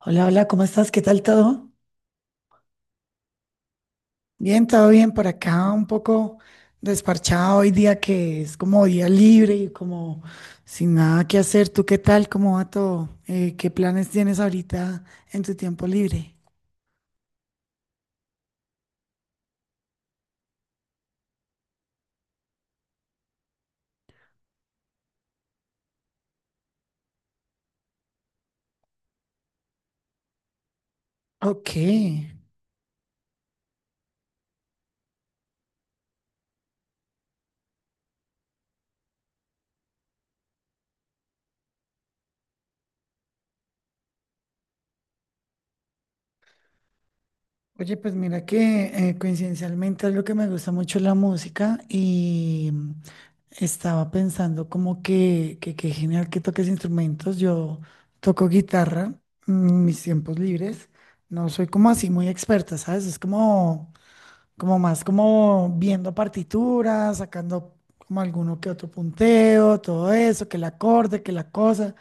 Hola, hola, ¿cómo estás? ¿Qué tal todo? Bien, todo bien por acá, un poco desparchado hoy día que es como día libre y como sin nada que hacer. ¿Tú qué tal? ¿Cómo va todo? ¿Qué planes tienes ahorita en tu tiempo libre? Ok. Oye, pues mira que coincidencialmente es lo que me gusta mucho la música y estaba pensando como que genial que toques instrumentos. Yo toco guitarra en mis tiempos libres. No soy como así muy experta, ¿sabes? Es como, como más como viendo partituras, sacando como alguno que otro punteo, todo eso, que el acorde, que la cosa.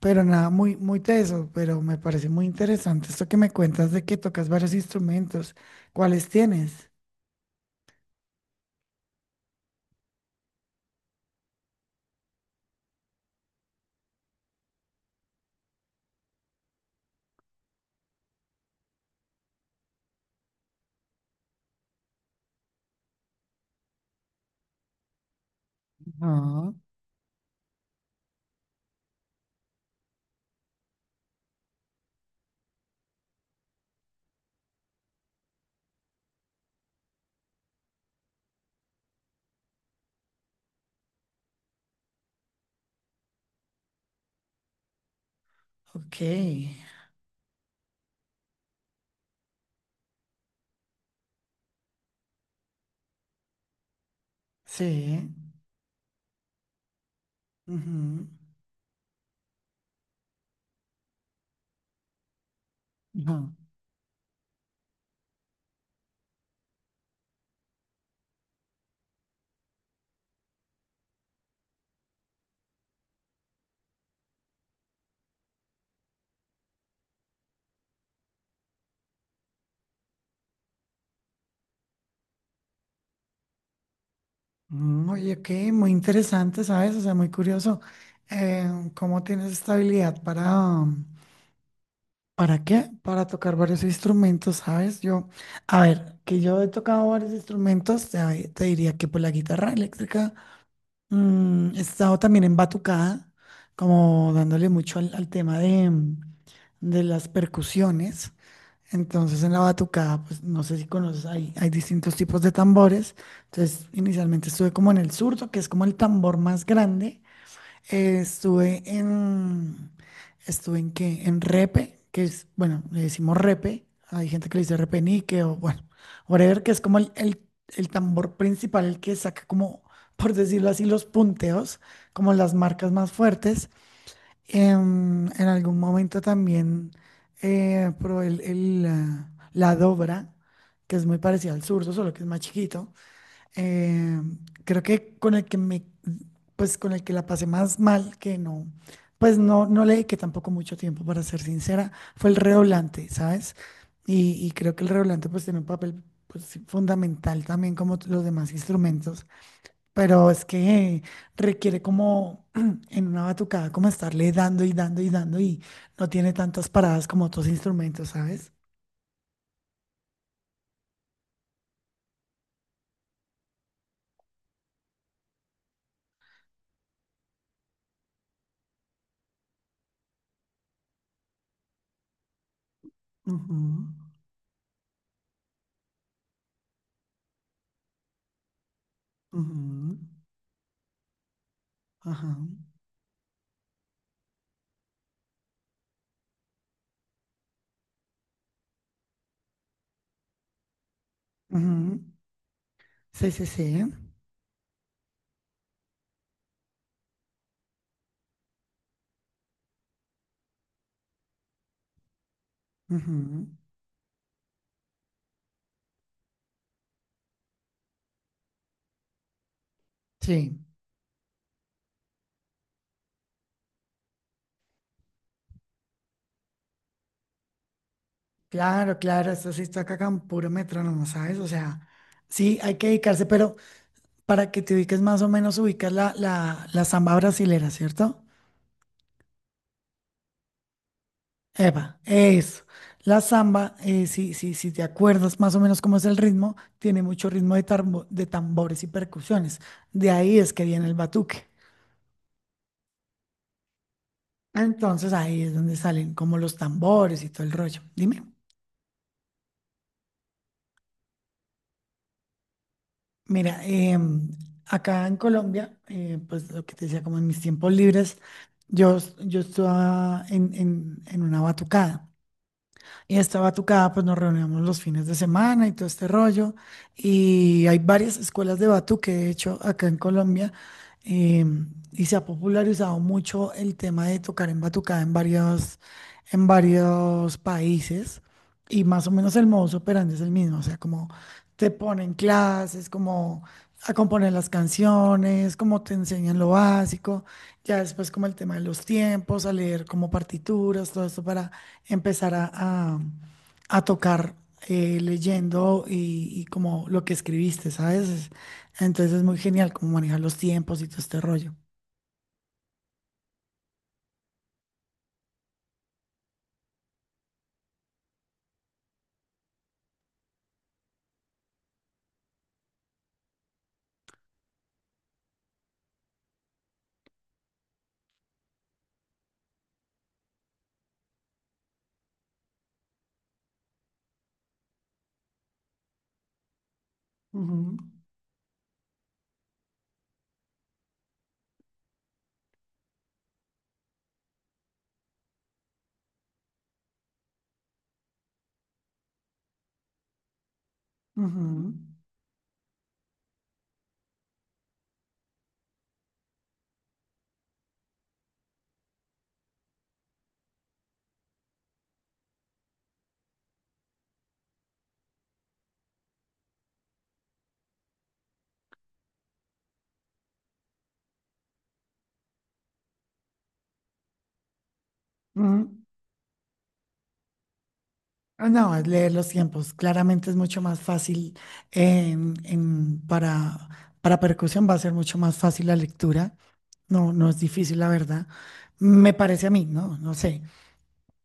Pero nada, muy, muy teso, pero me parece muy interesante esto que me cuentas de que tocas varios instrumentos. ¿Cuáles tienes? Ah. Ok, sí. Ujú. Ajá. Oye, qué muy interesante, ¿sabes? O sea, muy curioso. eh, ¿Cómo tienes esta habilidad para qué? Para tocar varios instrumentos, ¿sabes? Yo, a ver, que yo he tocado varios instrumentos, te diría que por la guitarra eléctrica. He estado también en batucada, como dándole mucho al, al tema de, de las percusiones. Entonces, en la batucada, pues no sé si conoces, hay distintos tipos de tambores. Entonces, inicialmente estuve como en el zurdo que es como el tambor más grande. Estuve en, estuve en qué, en Repe, que es, bueno, le decimos Repe, hay gente que le dice Repenique o bueno, whatever, que es como el tambor principal, el que saca como, por decirlo así, los punteos, como las marcas más fuertes. En algún momento también probé el, ah, la dobra, que es muy parecida al zurdo, solo que es más chiquito. Eh, Creo que con el que me, pues con el que la pasé más mal, que no, pues no, no le dediqué tampoco mucho tiempo, para ser sincera, fue el redoblante, ¿sabes? Y creo que el redoblante pues tiene un papel pues, sí, fundamental también como los demás instrumentos, pero es que requiere como en una batucada como estarle dando y dando y dando y no tiene tantas paradas como otros instrumentos, ¿sabes? Ujú. Ujú. Ajá. Ujú. Sí, sí, sí. Ujú. Sí, claro, claro, esto sí está acá con puro metrónomo, ¿sabes? O sea, sí, hay que dedicarse, pero para que te ubiques más o menos, ubicas la samba brasilera, ¿cierto? Eva, eso. La samba, si, si, si te acuerdas más o menos cómo es el ritmo, tiene mucho ritmo de, de tambores y percusiones. De ahí es que viene el batuque. Entonces ahí es donde salen como los tambores y todo el rollo. Dime. Mira, acá en Colombia, pues lo que te decía, como en mis tiempos libres, yo, yo estaba en una batucada. Y esta batucada, pues nos reuníamos los fines de semana y todo este rollo. Y hay varias escuelas de batuque, de hecho, acá en Colombia. eh, y se ha popularizado mucho el tema de tocar en batucada en varios países. Y más o menos el modus operandi es el mismo. O sea, como te ponen clases, como a componer las canciones, como te enseñan lo básico. Ya después como el tema de los tiempos, a leer como partituras, todo esto para empezar a tocar leyendo y como lo que escribiste, ¿sabes? Es... Entonces es muy genial como manejar los tiempos y todo este rollo. Ujú, ujú, ujú. Ah, no, es leer los tiempos. Claramente es mucho más fácil en- en- para, para percusión, va a ser mucho más fácil la lectura. No, no es difícil, la verdad. Me parece a mí, ¿no? No sé.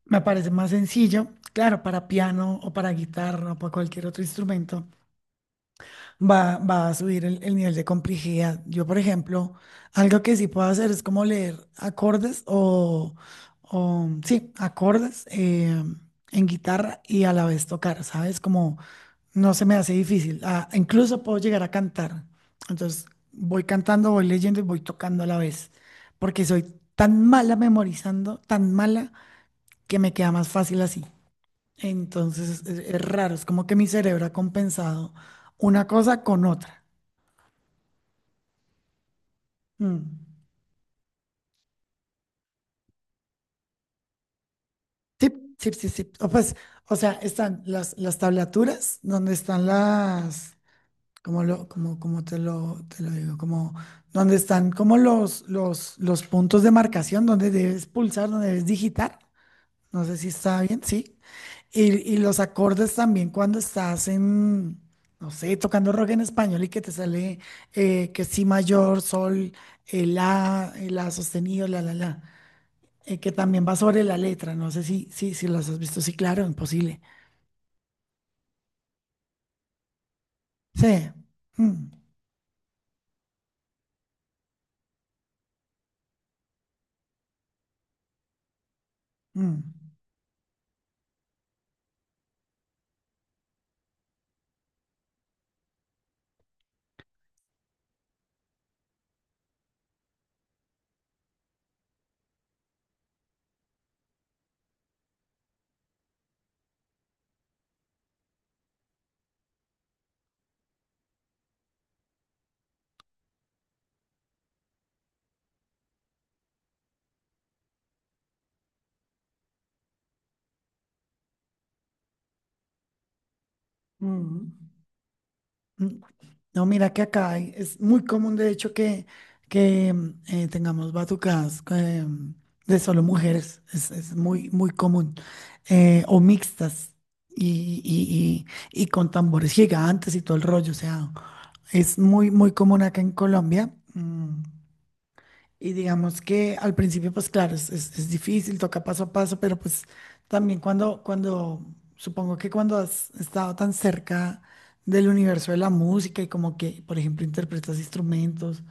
Me parece más sencillo, claro, para piano o para guitarra o para cualquier otro instrumento, va, va a subir el nivel de complejidad. Yo, por ejemplo, algo que sí puedo hacer es como leer acordes o, sí, acordes en guitarra y a la vez tocar, ¿sabes? Como no se me hace difícil. Ah, incluso puedo llegar a cantar. Entonces, voy cantando, voy leyendo y voy tocando a la vez, porque soy tan mala memorizando, tan mala, que me queda más fácil así. Entonces es raro, es como que mi cerebro ha compensado una cosa con otra. Mm. Sí, sí, sí, sí. O pues, o sea, están las tablaturas, donde están las, como lo, como, como te lo digo, como donde están como los puntos de marcación, donde debes pulsar, donde debes digitar. No sé si está bien, sí. Y los acordes también cuando estás en, no sé, tocando rock en español y que te sale que si mayor, sol, el la sostenido, la, que también va sobre la letra. No sé si, si, si las has visto. Sí, claro, imposible. Sí. Mm, mm, mm. Mm, No, mira que acá hay... es muy común, de hecho, que tengamos batucadas de solo mujeres. Es muy, muy común. O mixtas y, y- y con tambores gigantes y todo el rollo. O sea, es muy, muy común acá en Colombia. Y digamos que al principio, pues claro, es, es difícil, toca paso a paso, pero pues también cuando, cuando, supongo que cuando has estado tan cerca del universo de la música y como que, por ejemplo, interpretas instrumentos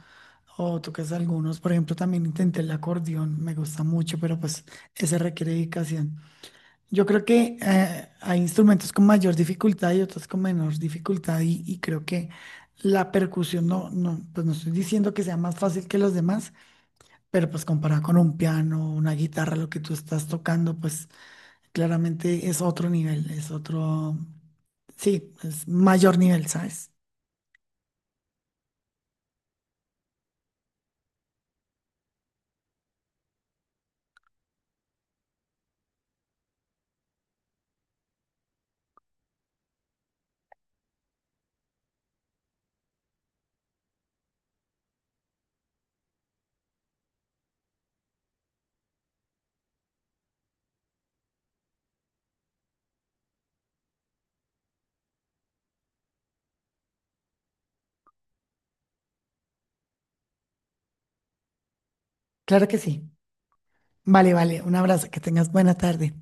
o tocas algunos, por ejemplo, también intenté el acordeón, me gusta mucho, pero pues ese requiere dedicación. Yo creo que hay instrumentos con mayor dificultad y otros con menor dificultad y creo que la percusión no, no, pues no estoy diciendo que sea más fácil que los demás pero pues comparado con un piano, una guitarra, lo que tú estás tocando, pues claramente es otro nivel, es otro, sí, es mayor nivel, ¿sabes? Claro que sí. Vale, vale, un abrazo, que tengas buena tarde.